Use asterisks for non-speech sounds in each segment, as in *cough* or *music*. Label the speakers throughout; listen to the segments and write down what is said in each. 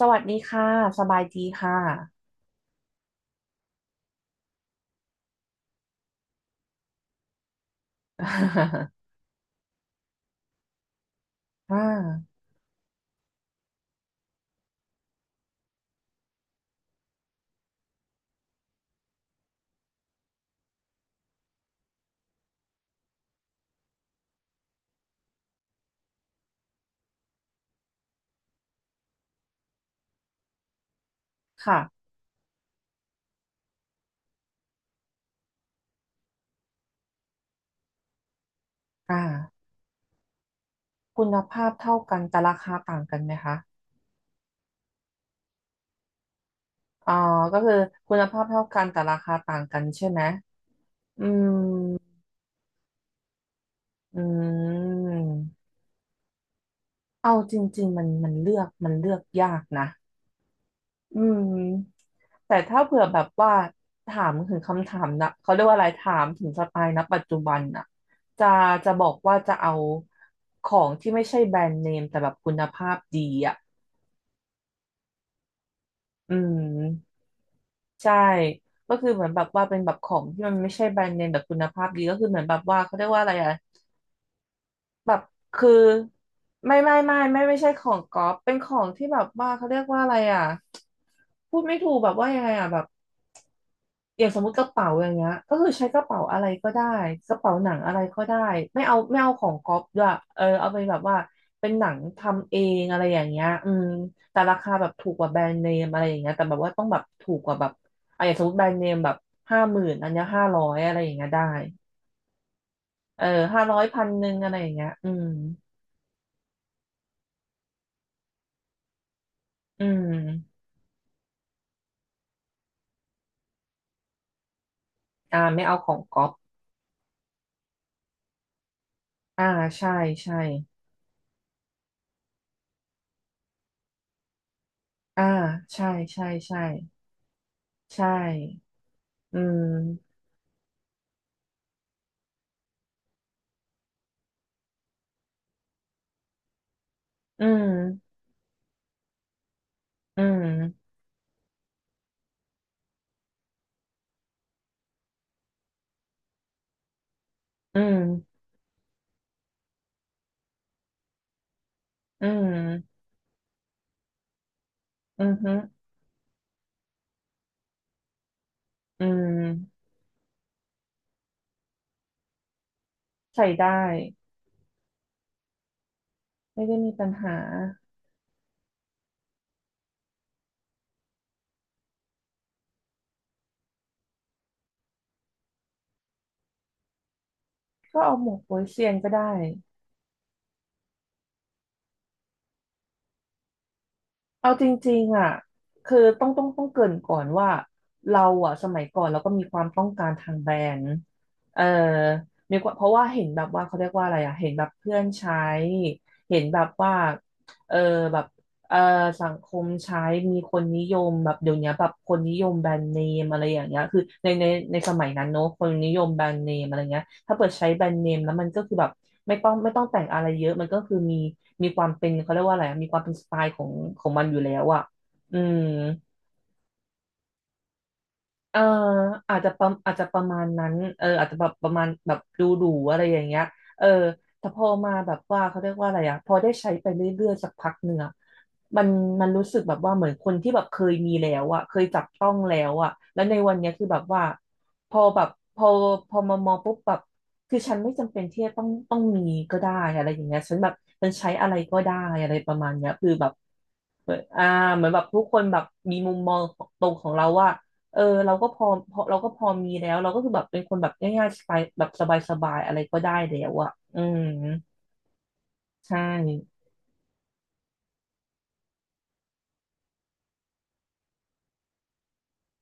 Speaker 1: สวัสดีค่ะสบายดีค่ะ *laughs* อ่าค่ะอ่าคุณภาพเท่ากันแต่ราคาต่างกันไหมคะอ่าก็คือคุณภาพเท่ากันแต่ราคาต่างกันใช่ไหมอืม อืม เอาจริงๆมันเลือกยากนะ อืม แต่ถ้าเผื่อแบบว่าถามถึงคำถามนะเขาเรียกว่าอะไรถามถึงสไตล์ณปัจจุบันน่ะจะจะบอกว่าจะเอาของที่ไม่ใช่แบรนด์เนมแต่แบบคุณภาพดีอ่ะ อืมใช่ก็คือเหมือนแบบว่าเป็นแบบของที่มันไม่ใช่แบรนด์เนมแบบคุณภาพดีก็คือเหมือนแบบว่าเขาเรียกว่าอะไรอะแบบคือไม่ใช่ของก๊อปเป็นของที่แบบว่าเขาเรียกว่าอะไรอะพูดไม่ถูกแบบว่ายังไงอะแบบ อย่างสมมติกระเป๋าอย่างเงี้ยก็คือใช้กระเป๋าอะไรก็ได้กระเป๋าหนังอะไรก็ได้ไม่เอาของก๊อปด้วยเออเอาไปแบบว่าเป็นหนังทำเองอะไรอย่างเงี้ยอืมแต่ราคาแบบถูกกว่าแบรนด์เนมอะไรอย่างเงี้ยแต่แบบว่าต้องแบบถูกกว่าแบบอ่ะอย่างสมมติแบรนด์เนมแบบ50,000อันเนี้ยห้าร้อยอะไรอย่างเงี้ยได้เออห้าร้อย1,100อะไรอย่างเงี้ยอืมอืมไม่เอาของก๊อปอ่าใช่ใช่อ่าใช่ใช่ใช่ใช่อืมอืมอืม อืมอืมอือฮึอืมใส่ได้ไม่ได้มีปัญหาก็เอาหมวกโป๊ยเซียนก็ได้เอาจริงๆอ่ะคือต้องเกริ่นก่อนว่าเราอ่ะสมัยก่อนเราก็มีความต้องการทางแบรนด์เออมีความเพราะว่าเห็นแบบว่าเขาเรียกว่าอะไรอ่ะเห็นแบบเพื่อนใช้เห็นแบบว่าเออแบบ เอ่อสังคมใช้มีคนนิยมแบบเดี๋ยวนี้แบบคนนิยมแบรนด์เนมอะไรอย่างเงี้ยคือในสมัยนั้นเนอะคนนิยมแบรนด์เนมอะไรเงี้ยถ้าเปิดใช้แบรนด์เนมแล้วมันก็คือแบบไม่ต้องแต่งอะไรเยอะมันก็คือมีมีความเป็นเขาเรียกว่าอะไรอะมีความเป็นสไตล์ของของมันอยู่แล้วอ่ะอืม เอออาจจะประมาณนั้นเอออาจจะแบบประมาณแบบดูดูอะไรอย่างเงี้ยเออแต่พอมาแบบว่าเขาเรียกว่าอะไรอะพอได้ใช้ไปเรื่อยๆสักพักหนึ่งอะมันมันรู้สึกแบบว่าเหมือนคนที่แบบเคยมีแล้วอะเคยจับต้องแล้วอะแล้วในวันเนี้ยคือแบบว่าพอแบบพอพอมามองปุ๊บแบบคือฉันไม่จำเป็นที่จะต้องต้องมีก็ได้อะไรอย่างเงี้ยฉันแบบฉันใช้อะไรก็ได้อะไรประมาณเนี้ยคือแบบเหมือนเหมือนแบบทุกคนแบบมีมุมมองตรงของเราว่า เออเราก็พอเราก็พอมีแล้วเราก็คือแบบเป็นคนแบบง่ายๆสบายแบบสบายๆอะไรก็ได้แล้วอ่ะอืมใช่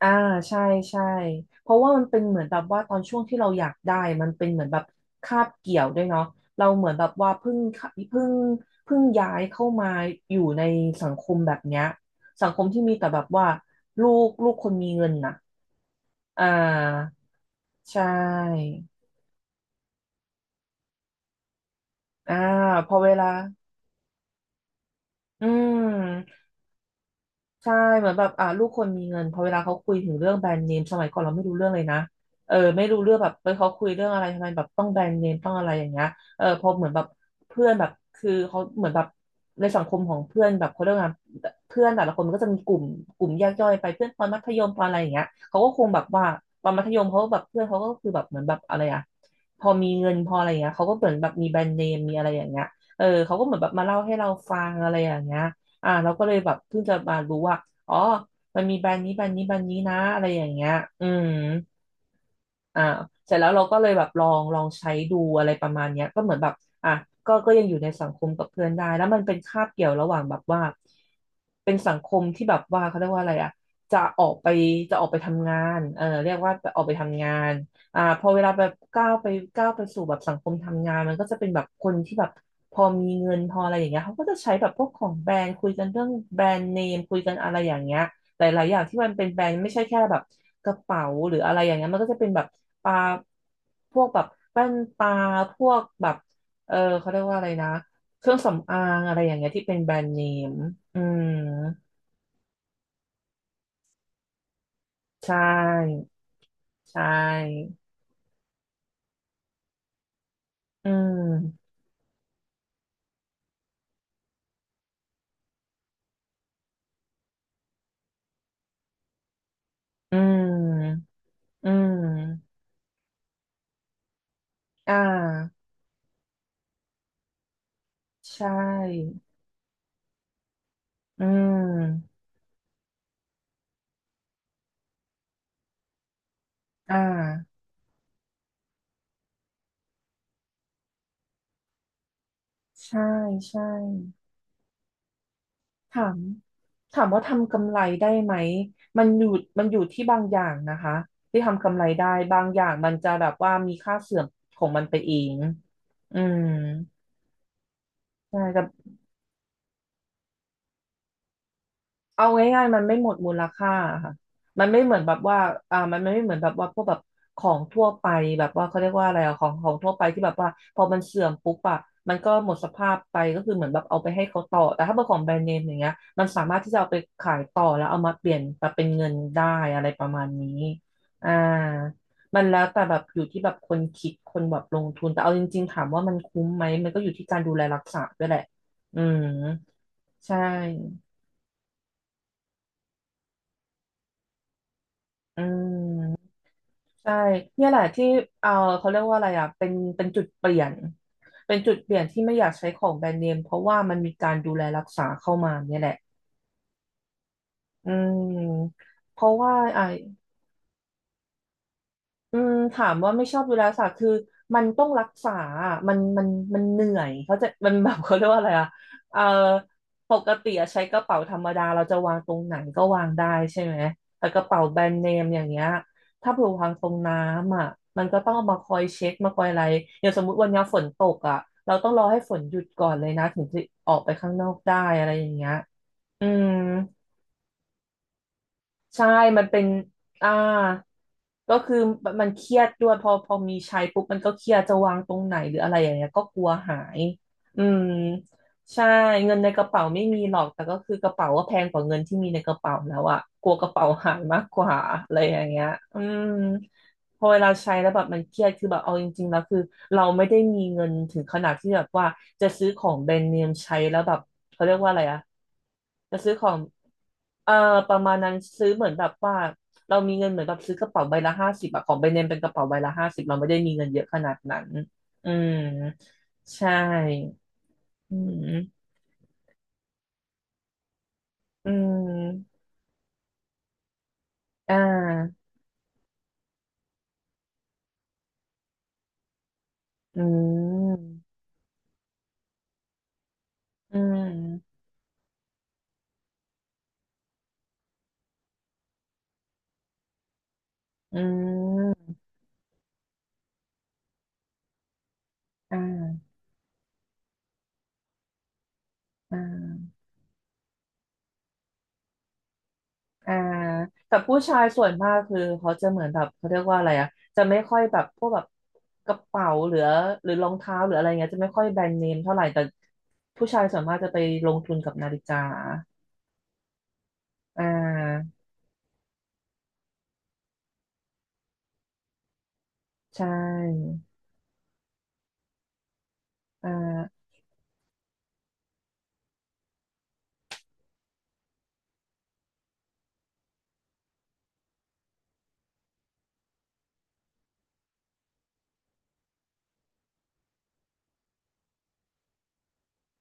Speaker 1: อ่าใช่ใช่เพราะว่ามันเป็นเหมือนแบบว่าตอนช่วงที่เราอยากได้มันเป็นเหมือนแบบคาบเกี่ยวด้วยเนาะเราเหมือนแบบว่าเพิ่งเพิ่งย้ายเข้ามาอยู่ในสังคมแบบเนี้ยสังคมที่มีแต่แบบว่าลูกคนมีเงินน่ะอ่าใช่อ่าพอเวลาอืม ใช่เหมือนแบบลูกคนมีเงินพอเวลาเขาคุยถึงเรื่องแบรนด์เนมสมัยก่อนเราไม่รู้เรื่องเลยนะเออไม่รู้เรื่องแบบเออเขาคุยเรื่องอะไรทำไมแบบต้องแบรนด์เนมต้องอะไรอย่างเงี้ยเออพอเหมือนแบบเพื่อนแบบคือเขาเหมือนแบบในสังคมของเพื่อนแบบเขาเรียกว่าไงเพื่อนแต่ละคนมันก็จะมีกลุ่มแยกย่อยไปเพื่อนตอนมัธยมตอนอะไรอย่างเงี้ยเขาก็คงแบบว่าตอนมัธยมเขาก็แบบเพื่อนเขาก็คือแบบเหมือนแบบอะไรอะพอมีเงินพออะไรอย่างเงี้ยเขาก็เหมือนแบบมีแบรนด์เนมมีอะไรอย่างเงี้ยเออเขาก็เหมือนแบบมาเล่าให้เราฟังอะไรอย่างเงี้ย เราก็เลยแบบเพิ่งจะมารู้ว่าอ๋อมันมีแบรนด์นี้แบรนด์นี้แบรนด์นี้นะอะไรอย่างเงี้ยอืม อ่าเสร็จแล้วเราก็เลยแบบลองใช้ดูอะไรประมาณเนี้ยก็เหมือนแบบอ่ะก็ยังอยู่ในสังคมกับเพื่อนได้แล้วมันเป็นคาบเกี่ยวระหว่างแบบว่าเป็นสังคมที่แบบว่าเขาเรียกว่าอะไรอ่ะจะออกไปจะออกไปทำงานเออเรียกว่าออกไปทำงานอ่าพอเวลาแบบก้าวไปสู่แบบสังคมทำงานมันก็จะเป็นแบบคนที่แบบพอมีเงินพออะไรอย่างเงี้ยเขาก็จะใช้แบบพวกของแบรนด์คุยกันเรื่องแบรนด์เนมคุยกันอะไรอย่างเงี้ย หลายๆอย่างที่มันเป็นแบรนด์ไม่ใช่แค่แบบกระเป๋าหรืออะไรอย่างเงี้ยมันก็จะเป็นแบบปลาพวกแบบแว่นตาพวกแบบเออเขาเรียกว่าอะไรนะเครื่องสำอางอะไรอย่างเงี้ยที่เป็นแบรนด์เนมอืมใช่ใช่อืมอืมอืมอ่าใช่อืมอ่าใช่ใช่ถาม ถามว่าทำกำไรได้ไหมมันอยู่มันอยู่ที่บางอย่างนะคะที่ทำกำไรได้บางอย่างมันจะแบบว่ามีค่าเสื่อมของมันไปเองอืมใช่แต่ เอาง่ายๆมันไม่หมดมูลค่าค่ะมันไม่เหมือนแบบว่าอ่า มันไม่เหมือนแบบว่าพวกแบบของทั่วไปแบบว่าเขาเรียกว่าอะไรอะของของทั่วไปที่แบบว่าพอมันเสื่อมปุ๊บอะมันก็หมดสภาพไปก็คือเหมือนแบบเอาไปให้เขาต่อแต่ถ้าเป็นของแบรนด์เนมอย่างเงี้ยมันสามารถที่จะเอาไปขายต่อแล้วเอามาเปลี่ยนมาเป็นเงินได้อะไรประมาณนี้อ่ามันแล้วแต่แบบอยู่ที่แบบคนคิดคนแบบลงทุน แต่เอาจริงๆถามว่ามันคุ้มไหมมันก็อยู่ที่การดูแลรักษาด้วยแหละอืมใช่อืม ใช่เนี่ยแหละที่เออเขาเรียกว่าอะไรอ่ะเป็นจุดเปลี่ยนเป็นจุดเปลี่ยนที่ไม่อยากใช้ของแบรนด์เนมเพราะว่ามันมีการดูแลรักษาเข้ามาเนี่ยแหละอืมเพราะว่าอ่ะ อืมถามว่าไม่ชอบดูแลสัตว์คือมันต้องรักษาอะมันเหนื่อยเขาใจะมัน *laughs* แบบเขาเรียกว่าอะไรอ่ะเออปกติอะใช้กระเป๋าธรรมดาเราจะวางตรงไหนก็วางได้ใช่ไหมแต่กระเป๋าแบรนด์เนมอย่างเงี้ยถ้าเผื่อวางตรงน้ำอ่ะมันก็ต้องเอามาคอยเช็ดมาคอยอะไรอย่างสมมุติวันนี้ฝนตกอ่ะเราต้องรอให้ฝนหยุดก่อนเลยนะถึงจะออกไปข้างนอกได้อะไรอย่างเงี้ยอืม ใช่มันเป็นอ่าก็คือมันเครียดด้วยพอมีใช้ปุ๊บมันก็เครียดจะวางตรงไหนหรืออะไรอย่างเงี้ยก็กลัวหายอืมใช่เงินในกระเป๋าไม่มีหรอกแต่ก็คือกระเป๋าก็แพงกว่าเงินที่มีในกระเป๋าแล้วอะกลัวกระเป๋าหายมากกว่าอะไรอย่างเงี้ยอืมพอเวลาใช้แล้วแบบมันเครียดคือแบบเอาจริงๆแล้วคือเราไม่ได้มีเงินถึงขนาดที่แบบว่าจะซื้อของแบรนด์เนมใช้แล้วแบบเขาเรียกว่าอะไรอะ จะซื้อของเอ่อประมาณนั้นซื้อเหมือนแบบว่าเรามีเงินเหมือนแบบซื้อกระเป๋าใบละห้าสิบอะของแบรนด์เนมเป็นกระเป๋าใบละห้าสิบเราไม่ได้มีเงินเยอะขนาดนั้น อืม ใช่ อืม อืมอ่าอืมอืมอืมอ่าอ่า อ่าแต่ผู้ชายส่วนมากคือเขาจะเหมือนแบบเขาเรียกว่าอะไรอ่ะจะไม่ค่อยแบบพวกแบบกระเป๋าหรือหรือรองเท้าหรืออะไรเงี้ยจะไม่ค่อยแบรนด์เนมเท่าไหร่แต่ผู้ชายส่วนมากจะไปลงทุนกับนาฬิกาอ่าใช่อ่า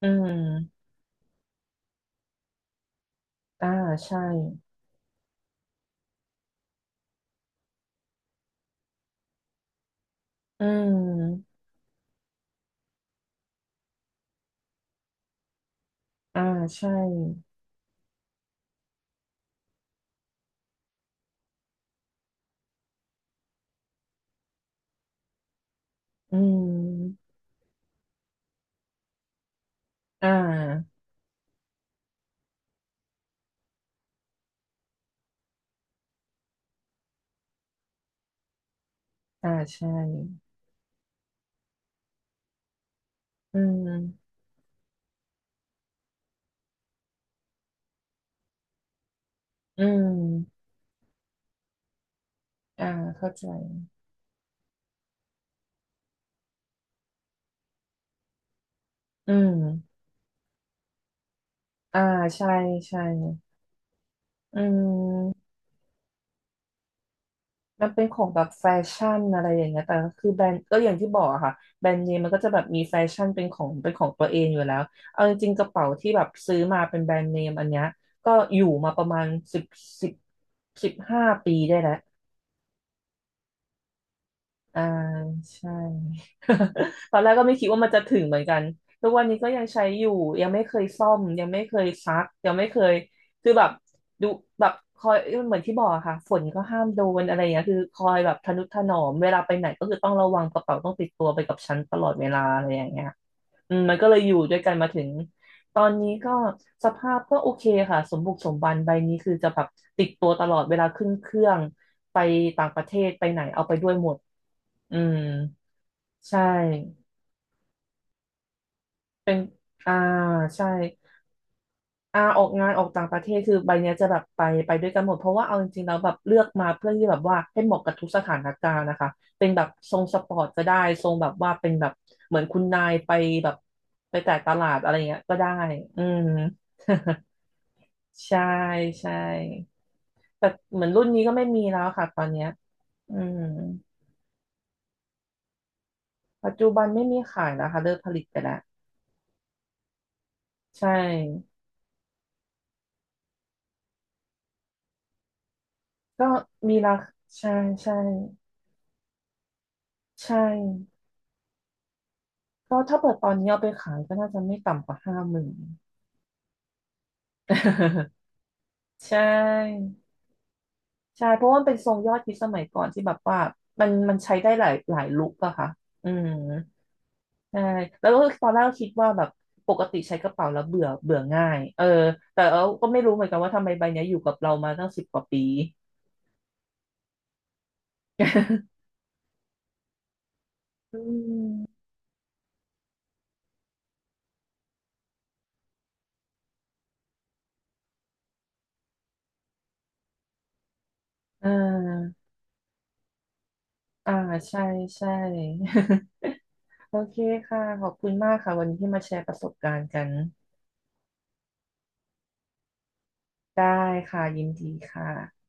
Speaker 1: อืมอ่าใช่อืมอ่าใช่อืมอ่าอ่าใช่อืมอืมอ่าเข้าใจอืมอ่าใช่ใช่อืม มันเป็นของแบบแฟชั่นอะไรอย่างเงี้ยแต่ก็คือแบรนด์ก็อย่างที่บอกอะค่ะแบรนด์เนมมันก็จะแบบมีแฟชั่นเป็นของเป็นของตัวเองอยู่แล้วเอาจริงๆกระเป๋าที่แบบซื้อมาเป็นแบรนด์เนมอันเนี้ยก็อยู่มาประมาณสิบสิบ15 ปีได้แล้ว อ่าใช่ *laughs* ตอนแรกก็ไม่คิดว่ามันจะถึงเหมือนกันทุกวันนี้ก็ยังใช้อยู่ยังไม่เคยซ่อมยังไม่เคยซักยังไม่เคยคือแบบดูแบบคอยเหมือนที่บอกอะค่ะฝนก็ห้ามโดนอะไรอย่างเงี้ยคือคอยแบบทะนุถนอมเวลาไปไหนก็คือต้องระวังกระเป๋าต้องติดตัวไปกับฉันตลอดเวลาอะไรอย่างเงี้ยอืมมันก็เลยอยู่ด้วยกันมาถึงตอนนี้ก็สภาพก็โอเคค่ะสมบุกสมบันใบนี้คือจะแบบติดตัวตลอดเวลาขึ้นเครื่องไปต่างประเทศไปไหนเอาไปด้วยหมด อืมใช่เป็นอ่าใช่อ่าออกงานออกต่างประเทศคือใบเนี้ยจะแบบไปด้วยกันหมดเพราะว่าเอาจริงๆแล้วแบบเลือกมาเพื่อที่แบบว่าให้เหมาะกับทุกสถานการณ์นะคะเป็นแบบทรงสปอร์ตก็ได้ทรงแบบว่าเป็นแบบเหมือนคุณนายไปแบบไปแต่ตลาดอะไรเงี้ยก็ได้อืม *laughs* ใช่ใช่แต่เหมือนรุ่นนี้ก็ไม่มีแล้วค่ะตอนเนี้ยอืมปัจจุบันไม่มีขายแล้วค่ะเลิกผลิตไปแล้วใช่ ก็มีราคาใช่ใช่ใช่ก็ถ้าเปิดตอนนี้เอาไปขายก็น่าจะไม่ต่ำกว่า50,000 *laughs* ใช่ใช่เพราะว่ามันเป็นทรงยอดฮิตสมัยก่อนที่แบบว่ามันมันใช้ได้หลายหลายลุคอะค่ะอืมใช่แล้วก็ตอนแรกก็คิดว่าแบบปกติใช้กระเป๋าแล้วเบื่อเบื่อง่ายเออแต่เราก็ไม่รู้เหมือนกันว่าทำไมใบเนี้ยอยู่กับเรามาตั้ง10 กว่าปี *laughs* อืมอ่าอ่าใช่ใช่ *laughs* โอเคค่ะขอบคุณมากค่ะวันนี้ที่มาแชร์ประสบการณ์กันได้ค่ะยินดีค่ะ